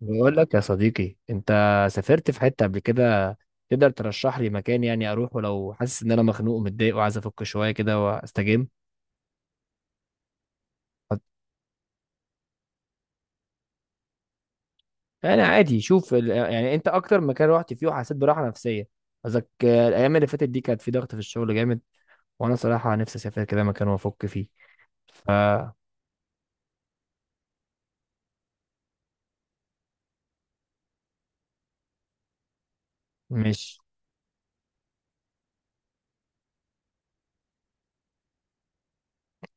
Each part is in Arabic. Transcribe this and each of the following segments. بقول لك يا صديقي، انت سافرت في حتة قبل كده؟ تقدر ترشح لي مكان يعني اروح ولو حاسس ان انا مخنوق ومتضايق وعايز افك شوية كده واستجم؟ انا عادي، شوف يعني انت اكتر مكان رحت فيه وحسيت براحة نفسية؟ قصدك. الايام اللي فاتت دي كانت في ضغط في الشغل جامد، وانا صراحة نفسي اسافر كده مكان وافك فيه. فمش.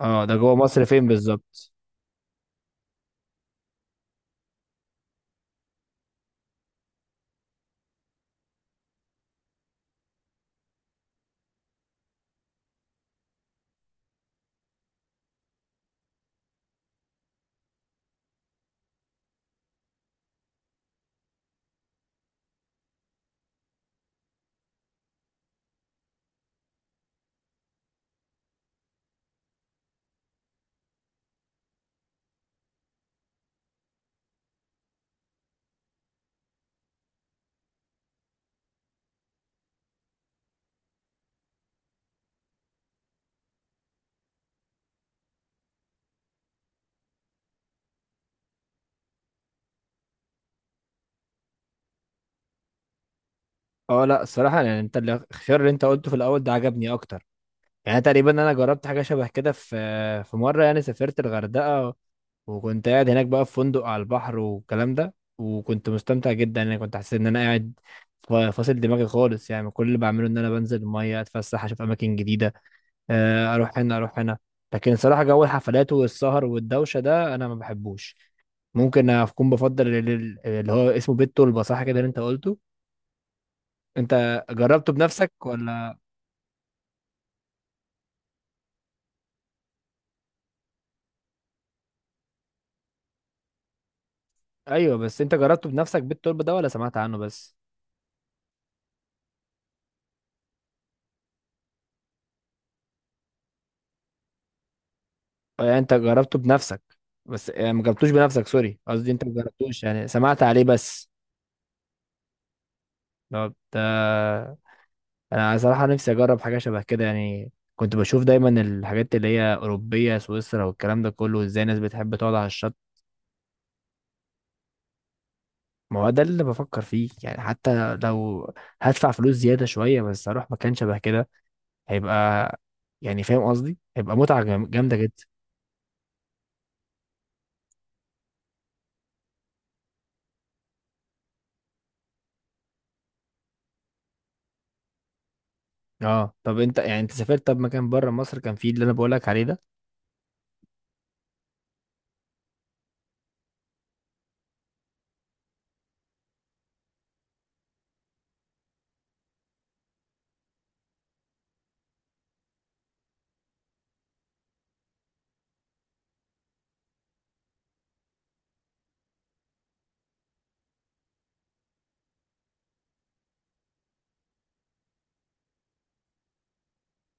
اه، ده جوه مصر فين بالظبط؟ اه لا، الصراحة يعني انت الخيار اللي انت قلته في الاول ده عجبني اكتر. يعني تقريبا انا جربت حاجة شبه كده في مرة، يعني سافرت الغردقة، وكنت قاعد هناك بقى في فندق على البحر والكلام ده، وكنت مستمتع جدا. انا كنت حاسس ان انا قاعد فاصل دماغي خالص. يعني كل اللي بعمله ان انا بنزل الميه، اتفسح، اشوف اماكن جديده، اروح هنا اروح هنا. لكن صراحه جو الحفلات والسهر والدوشه ده انا ما بحبوش. ممكن اكون بفضل اللي هو اسمه بيت طلبه، صح كده اللي انت قلته؟ انت جربته بنفسك ولا؟ ايوه، بس انت جربته بنفسك بيت طلبه ده ولا سمعت عنه بس؟ يعني انت جربته بنفسك؟ بس يعني ما جربتوش بنفسك، سوري، قصدي انت ما جربتوش، يعني سمعت عليه بس؟ طب ده، انا صراحة نفسي اجرب حاجة شبه كده. يعني كنت بشوف دايما الحاجات اللي هي اوروبية، سويسرا والكلام ده كله، ازاي الناس بتحب تقعد على الشط. ما هو ده اللي بفكر فيه، يعني حتى لو هدفع فلوس زيادة شوية بس اروح مكان شبه كده، هيبقى، يعني فاهم قصدي، هيبقى متعة جامدة جدا. اه طب انت، يعني انت سافرت طب مكان بره مصر كان فيه اللي انا بقولك عليه ده؟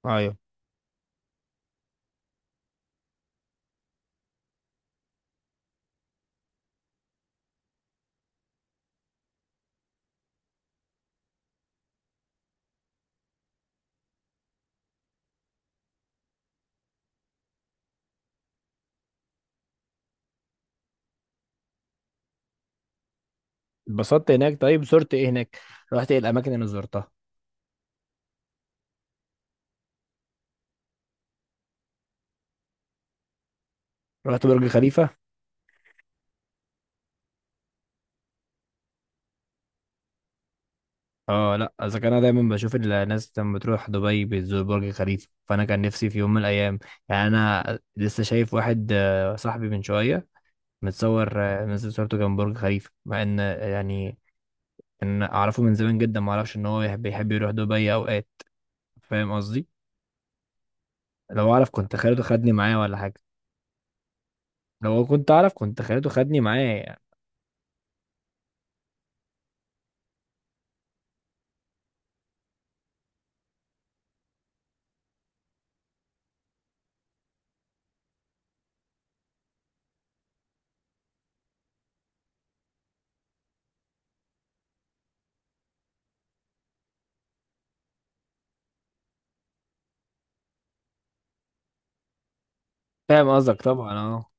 ايوه. اتبسطت هناك؟ طيب زرت ايه هناك؟ رحت ايه الاماكن اللي زرتها؟ رحت برج خليفة؟ اه لا، اذا كان انا دايما بشوف الناس لما بتروح دبي بتزور برج خليفة، فانا كان نفسي في يوم من الايام. يعني انا لسه شايف واحد، صاحبي من شوية، متصور، منزل صورته جنب برج خليفة، مع ان، يعني ان اعرفه من زمان جدا ما اعرفش ان هو بيحب يروح دبي اوقات. فاهم قصدي؟ لو اعرف كنت خليته خدني معايا ولا حاجة. لو كنت اعرف كنت خليته خدني معايا يعني. فاهم قصدك طبعا، اه.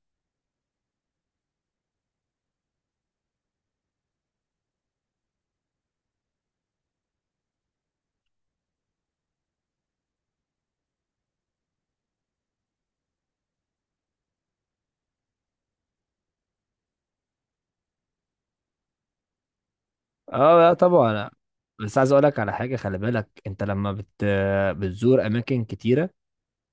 اه لا طبعا. بس عايز اقولك على حاجه، خلي بالك انت لما بتزور اماكن كتيره،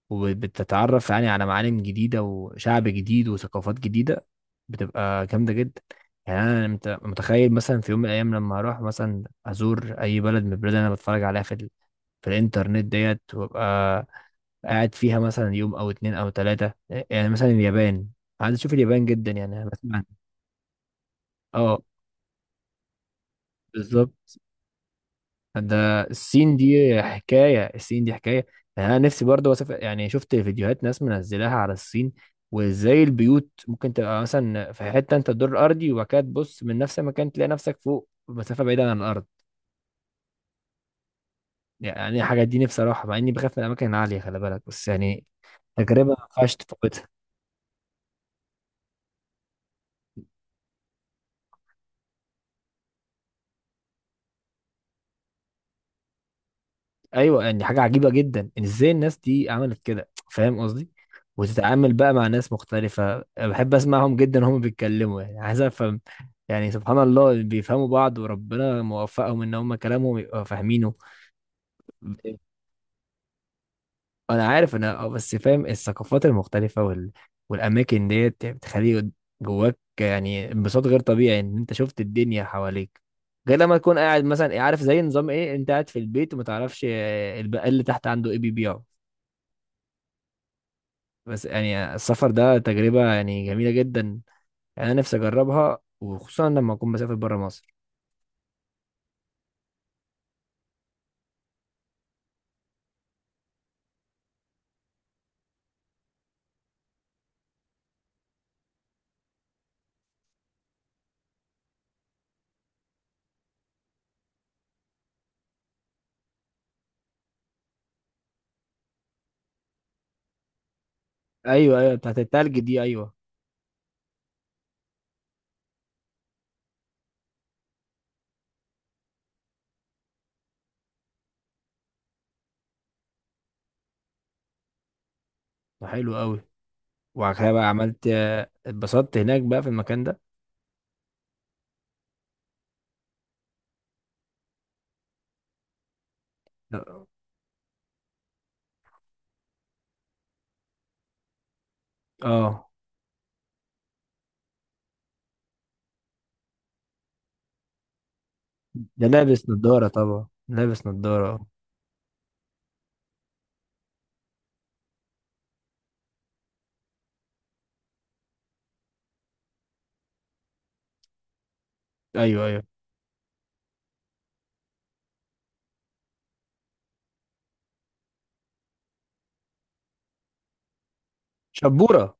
وبتتعرف يعني على معالم جديده وشعب جديد وثقافات جديده، بتبقى جامده جدا. يعني انا متخيل مثلا في يوم من الايام لما اروح مثلا ازور اي بلد من البلاد اللي انا بتفرج عليها في في الانترنت ديت، وابقى قاعد فيها مثلا يوم او 2 او 3. يعني مثلا اليابان، عايز اشوف اليابان جدا، يعني انا بسمع. اه بالظبط. ده الصين دي حكاية، الصين دي حكاية. يعني أنا نفسي برضه أسافر، يعني شفت فيديوهات ناس منزلاها على الصين، وإزاي البيوت ممكن تبقى مثلا في حتة أنت الدور الأرضي وبعد كده تبص من نفس المكان تلاقي نفسك فوق مسافة بعيدة عن الأرض. يعني الحاجات دي نفسي أروحها، مع إني بخاف من الأماكن العالية، خلي بالك، بس يعني تجربة ما ينفعش تفوتها. ايوه، يعني حاجه عجيبه جدا إن ازاي الناس دي عملت كده، فاهم قصدي؟ وتتعامل بقى مع ناس مختلفه، بحب اسمعهم جدا هم بيتكلموا، يعني عايز افهم. يعني سبحان الله بيفهموا بعض وربنا موفقهم ان هم كلامهم يبقى فاهمينه. انا عارف انا، بس فاهم الثقافات المختلفه والاماكن ديت يعني بتخلي جواك يعني انبساط غير طبيعي ان انت شفت الدنيا حواليك، غير لما تكون قاعد مثلا، عارف زي نظام ايه، انت قاعد في البيت وما تعرفش البقال اللي تحت عنده ايه بيبيعه. بس يعني السفر ده تجربة يعني جميلة جدا. يعني أنا نفسي أجربها، وخصوصا لما أكون مسافر برا مصر. أيوه أيوه، بتاعت التلج دي أيوه. حلو أوي. وبعد كده بقى عملت. اتبسطت هناك بقى في المكان ده؟ اه. ده لابس نضارة طبعا، لابس نضارة. أيوه أيوه. شبورة.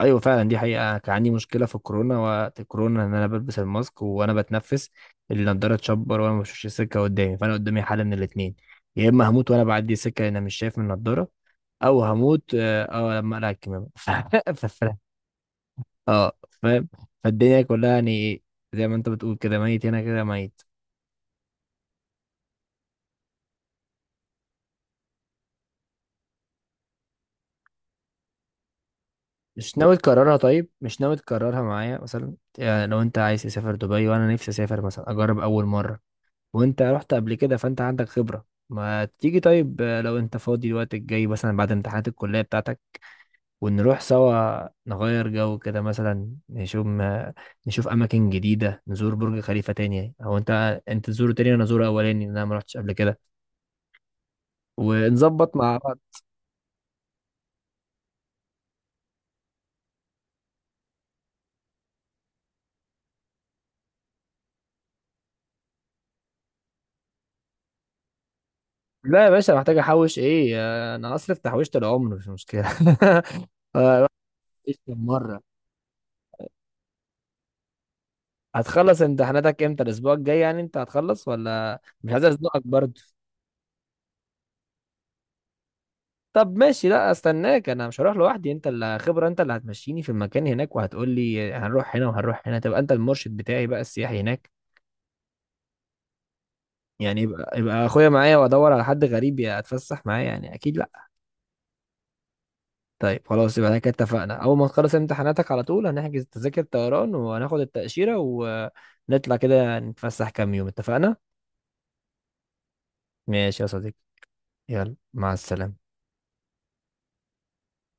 أيوه فعلا، دي حقيقة. كان عندي مشكلة في الكورونا وقت الكورونا إن أنا بلبس الماسك وأنا بتنفس، النضارة تشبر وأنا ما بشوفش السكة قدامي، فأنا قدامي حل من الاتنين: يا إما هموت وأنا بعدي سكة أنا مش شايف من النضارة، او هموت. اه لما اقلع الكمامه ف- ف- اه فاهم. فالدنيا كلها يعني ايه، زي ما انت بتقول كده، ميت هنا كده ميت. مش ناوي تكررها؟ طيب مش ناوي تكررها معايا مثلا؟ يعني لو انت عايز تسافر دبي وانا نفسي اسافر مثلا اجرب اول مره، وانت رحت قبل كده فانت عندك خبره. ما تيجي طيب؟ لو انت فاضي الوقت الجاي مثلا بعد امتحانات الكليه بتاعتك، ونروح سوا نغير جو كده، مثلا نشوف ما نشوف اماكن جديده، نزور برج خليفه تاني او انت تزوره تاني وانا ازوره اولاني لأن انا ما رحتش قبل كده، ونظبط مع بعض. لا يا باشا، محتاج احوش ايه؟ انا هصرف تحويشه العمر، مش مشكله. ايش كم مره. هتخلص امتحاناتك امتى الاسبوع الجاي؟ يعني انت هتخلص ولا مش عايز ازنقك برضه؟ طب ماشي، لا استناك، انا مش هروح لوحدي، انت اللي خبره، انت اللي هتمشيني في المكان هناك، وهتقول لي هنروح هنا وهنروح هنا، تبقى انت المرشد بتاعي بقى السياحي هناك. يعني يبقى اخويا معايا وادور على حد غريب يتفسح معايا يعني؟ اكيد لا. طيب خلاص، يبقى احنا كده اتفقنا: اول ما تخلص امتحاناتك على طول هنحجز تذاكر طيران، وهناخد التأشيرة، ونطلع كده نتفسح كام يوم. اتفقنا. ماشي يا صديقي. يلا مع السلامة.